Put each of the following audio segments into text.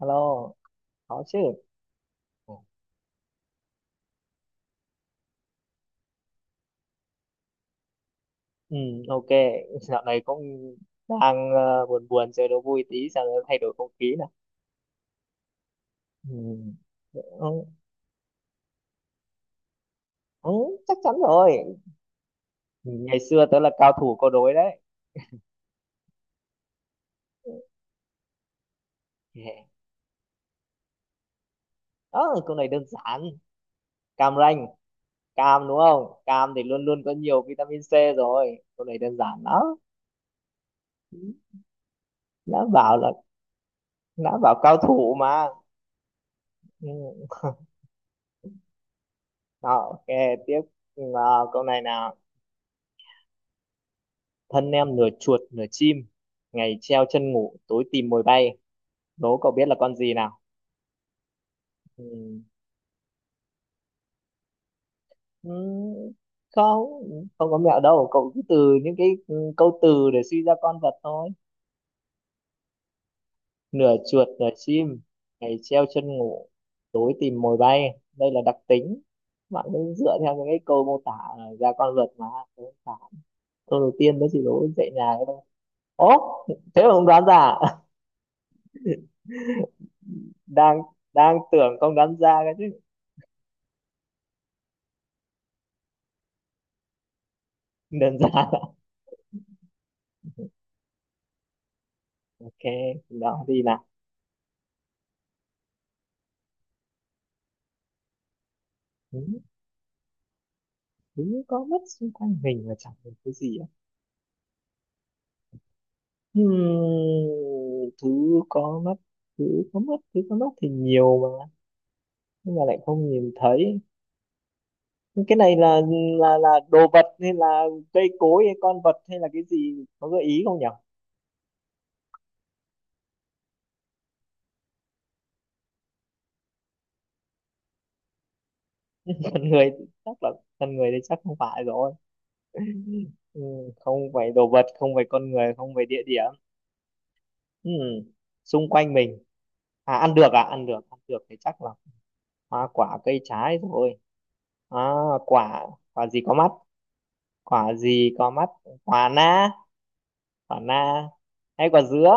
Alo, có chứ. Ừ, ok. Dạo này cũng đang buồn buồn chơi đố vui tí sao nó thay đổi không khí nè. Ừ. Ừ, ừ, chắc chắn rồi. Ừ, ngày xưa tớ là cao thủ câu đối đấy. Yeah. Ờ, câu này đơn giản. Cam Ranh, cam đúng không? Cam thì luôn luôn có nhiều vitamin C rồi. Câu này đơn giản đó. Ừ, Đã bảo là đã bảo cao thủ mà. Ừ. Đó, ok, tiếp. Ừ, nào, câu này nào. Thân em nửa chuột nửa chim, ngày treo chân ngủ, tối tìm mồi bay, đố cậu biết là con gì nào? Ừ. Ừ, không không có mẹo đâu, cậu cứ từ những cái câu từ để suy ra con vật thôi. Nửa chuột nửa chim, ngày treo chân ngủ, tối tìm mồi bay, đây là đặc tính. Bạn cứ dựa theo những cái câu mô tả ra con vật mà. Thế không phải. Câu đầu tiên mới chỉ đố dạy nhà cái thôi. Ố, thế mà không đoán ra à? đang đang tưởng không đoán ra cái chứ. Đơn giản. Ok, đó thì là thứ, thứ có mất xung quanh mình và chẳng được cái gì á. Hmm, có mất, thứ có mất thì nhiều mà, nhưng mà lại không nhìn thấy. Nhưng cái này là là đồ vật hay là cây cối hay con vật, hay là cái gì, có gợi ý không nhỉ? Con người thì chắc là con người thì chắc không phải rồi. Ừ, không phải đồ vật, không phải con người, không phải địa điểm. Ừ, xung quanh mình. À, ăn được à, ăn được thì chắc là hoa quả cây trái rồi. À, quả quả gì có mắt, quả gì có mắt quả na, quả na hay quả dứa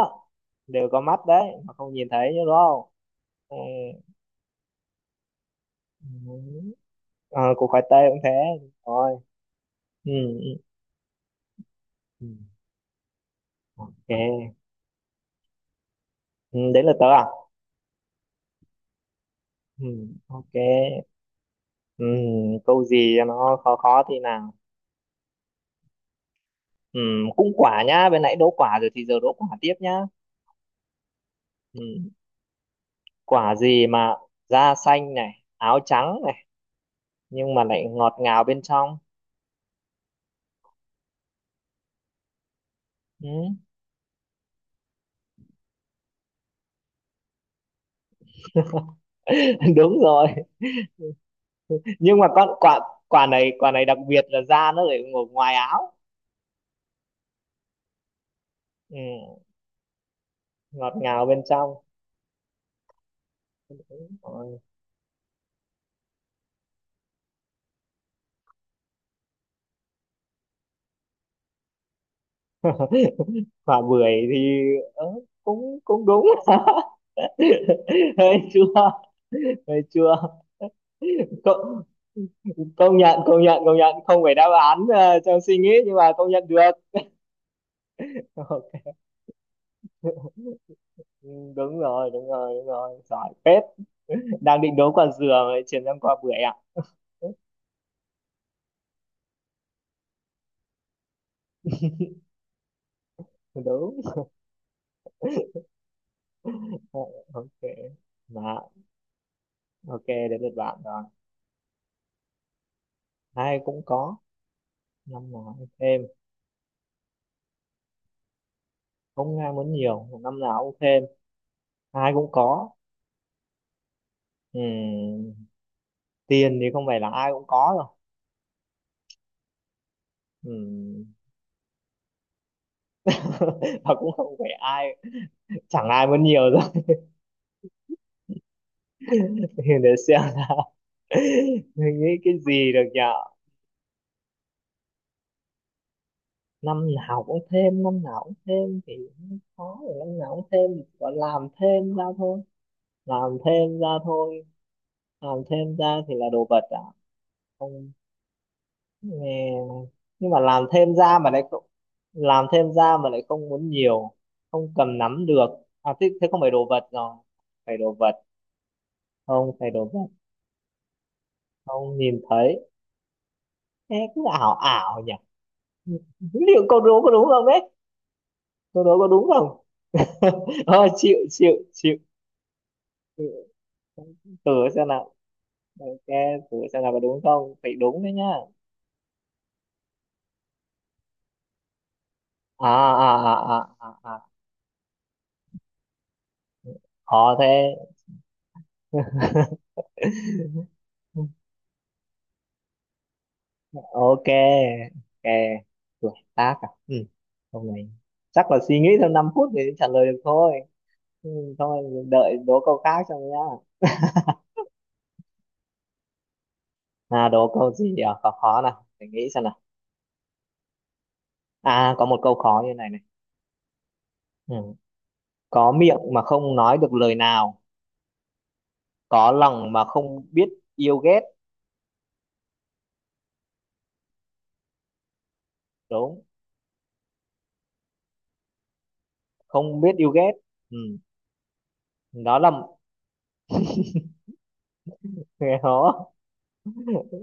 đều có mắt đấy mà không nhìn thấy đúng không? Ừ. Ừ. À, củ khoai tây cũng thế rồi. Ừ, ừ, ừ. Ok. Ừ, đấy là tớ à. Ừ. Ok. Ừ, câu gì cho nó khó khó thì nào. Ừ, cũng quả nhá, bên nãy đố quả rồi thì giờ đố quả tiếp nhá. Ừ. Quả gì mà da xanh này, áo trắng này, nhưng mà lại ngọt ngào bên trong? Ừ. Đúng rồi. Nhưng mà con quả quả này đặc biệt là da nó lại ngồi ngoài áo. Ừ. Ngọt ngào bên trong. Đúng rồi. Quả bưởi thì ờ, cũng cũng đúng. Hơi chua. Hơi chua. Công, công nhận công nhận công nhận không phải đáp án trong suy nghĩ, nhưng mà công nhận được. Ok. Ừ, đúng rồi, đúng rồi, đúng rồi, giỏi phết. Đang định đố quả dừa mà lại chuyển sang quả bưởi ạ. Đúng. Ồ, ok. Mà ok, đến lượt bạn rồi. Ai cũng có, năm nào cũng thêm, không ai muốn nhiều, năm nào cũng thêm, ai cũng có. Ừm, tiền thì không phải là ai cũng có rồi. Ừm, và cũng không phải ai chẳng ai muốn nhiều rồi thì để xem nào. Mình nghĩ cái gì được nhở? Năm nào cũng thêm, thì cũng có rồi. Năm nào cũng thêm thì gọi làm thêm ra thôi. làm thêm ra thôi làm thêm ra thì là đồ vật à? Không, nghe nhưng mà làm thêm ra mà lại không muốn nhiều. Không cầm nắm được. À thế, thế không phải đồ vật. Không phải đồ vật, không nhìn thấy. Thế cứ ảo ảo nhỉ, liệu câu đố có đúng không đấy? Câu đố có đúng không? Thôi chịu, chịu, chịu. Chịu. Thử xem nào. Ok, thử xem nào, có đúng không? Phải đúng đấy nhá. À à à à à à. Khó thế. Ok. Ok. Tuổi tác à? Ừ. Hôm nay chắc là suy nghĩ thêm 5 phút để trả lời được thôi. Ừ, thôi, đợi đố câu khác cho nhá. À, đố câu gì à, khó khó nào, để nghĩ xem nào. À, có một câu khó như này này. Ừ. Có miệng mà không nói được lời nào, có lòng mà không biết yêu ghét. Đúng, không biết yêu ghét. Ừ. Đó là, nghe hố.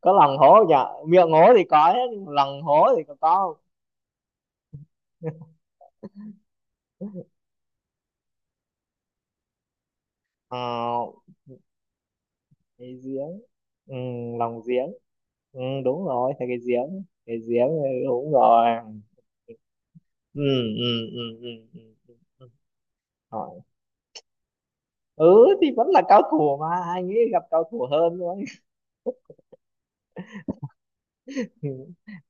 Có lòng hố nhở, miệng hố thì có hết nhưng lòng hố thì có không? Ờ, cái giếng. Ừ, lòng giếng. Ừ, đúng rồi, thấy cái giếng, cái giếng, ừ, đúng rồi. Ừ, ừ, ừ, ừ, ừ, ừ. Ừ. Hỏi. Ừ, thì vẫn là cao thủ mà, anh ấy gặp cao thủ hơn nữa.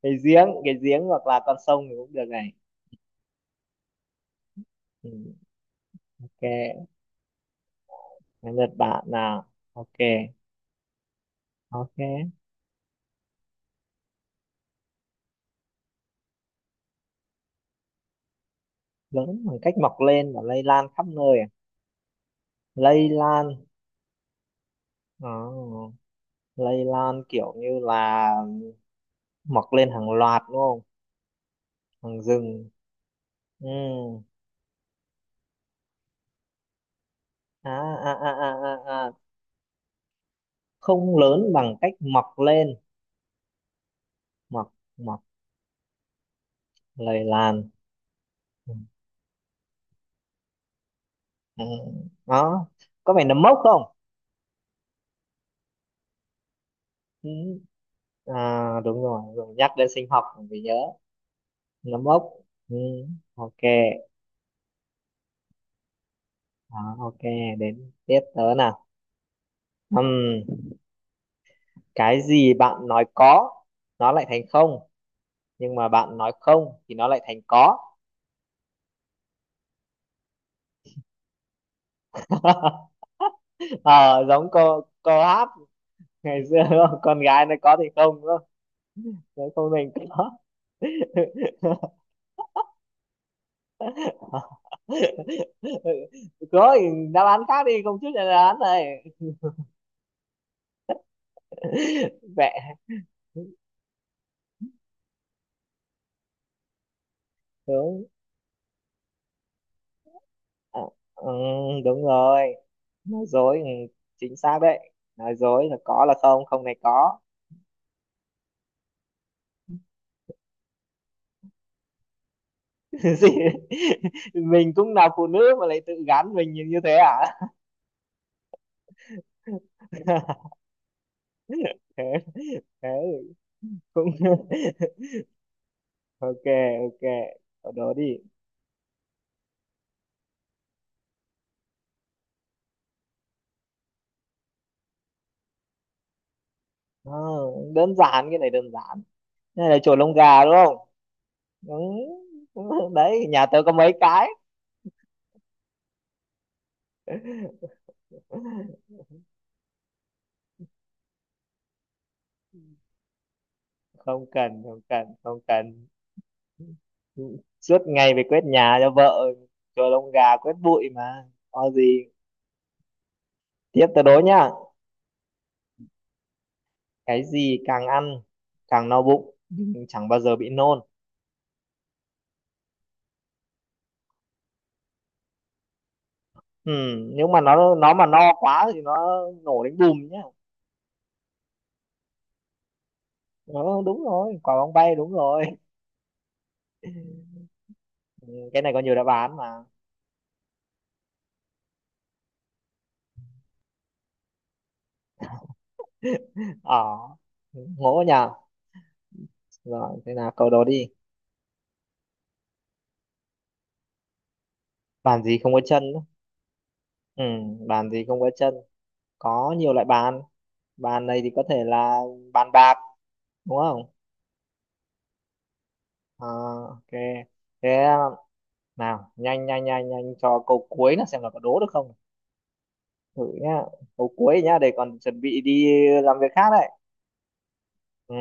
Cái giếng, cái giếng, hoặc là con sông thì cũng được này. Ừ, ok. Đến lượt bạn nào. Ok. Ok. Lớn bằng cách mọc lên và lây lan khắp nơi à? Lây lan. Ờ, lây lan kiểu như là mọc lên hàng loạt đúng không? Hoàng rừng. Ừ. À, à, à, à, à, à. Không lớn bằng cách mọc lên. Mọc, mọc, lời làn. Ừ. Ừ. Đó. Có phải nấm mốc không? Ừ. À, đúng rồi. Rồi nhắc đến sinh học mình mới nhớ. Nấm mốc. Ừ. Ok. Đó, ok. Đến tiếp tớ nào. Ừm, Cái gì bạn nói có, nó lại thành không, nhưng mà bạn nói không thì nó lại thành có. Ờ, giống câu câu hát ngày xưa đúng không? Con gái nó có thì không đúng không, nếu không mình có. Có thì đáp án khác đi không, chút là đáp án này. Mẹ, đúng. À, ừ, đúng rồi, nói dối. Ừ, chính xác đấy, nói dối là có là không, không này có. Gì, mình cũng là phụ nữ mà lại tự gắn mình như như thế à? Thế, thế cũng. Ok. Ok, cậu đố đi. Ờ, đơn giản, cái này đơn giản. Cái này là chổi lông gà đúng không? Đúng. Đấy nhà tớ có mấy cái. Không cần, không cần, không cần. Suốt ngày phải quét nhà cho vợ, chổi lông gà quét bụi mà, có gì. Tiếp tớ đố nhá. Cái gì càng ăn càng no bụng nhưng chẳng bao giờ bị nôn? Ừ, nhưng mà nó mà no quá thì nó nổ đến bùm nhá. Ờ, đúng rồi, quả bóng bay, đúng rồi. Ừ, cái này có nhiều đáp án mà. Ờ, ngộ nhỉ. Rồi, thế là câu đó đi. Bàn gì không có chân? Á? Ừ, bàn gì không có chân? Có nhiều loại bàn. Bàn này thì có thể là bàn bạc, đúng không? Ờ, ok. Thế nào, nhanh nhanh nhanh nhanh cho câu cuối là xem là có đố được không? Thử nhá. Câu cuối nhá, để còn chuẩn bị đi làm việc khác đấy. Ừ,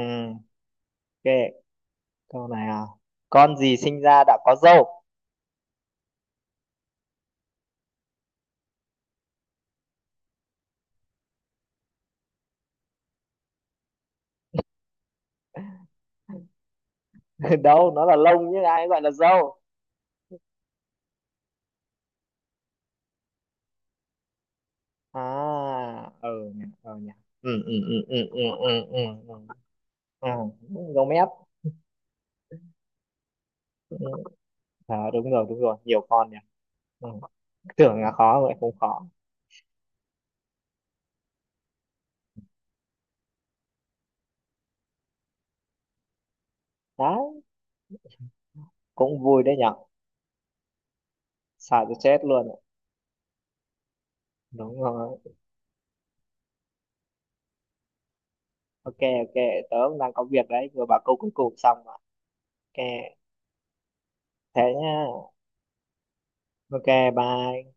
ok. Câu này à. Con gì sinh ra đã có râu? Đâu, nó là lông chứ ai gọi là râu. À, ừ nhỉ, ừ nhỉ. Ừ, ừ, ừ, ừ, ừ, ừ, ừ. Ừ. À, giống ép. Ừ. À, đúng rồi, đúng rồi, nhiều con nhỉ. Ừ. Tưởng là khó vậy, không khó. Đấy, cũng vui đấy nhở. Sợ cho chết luôn ạ. Đúng rồi. Ok. Ok, tớ cũng đang có việc đấy, vừa bảo câu cuối cùng xong rồi. Ok. Thế nhá. Ok. Bye.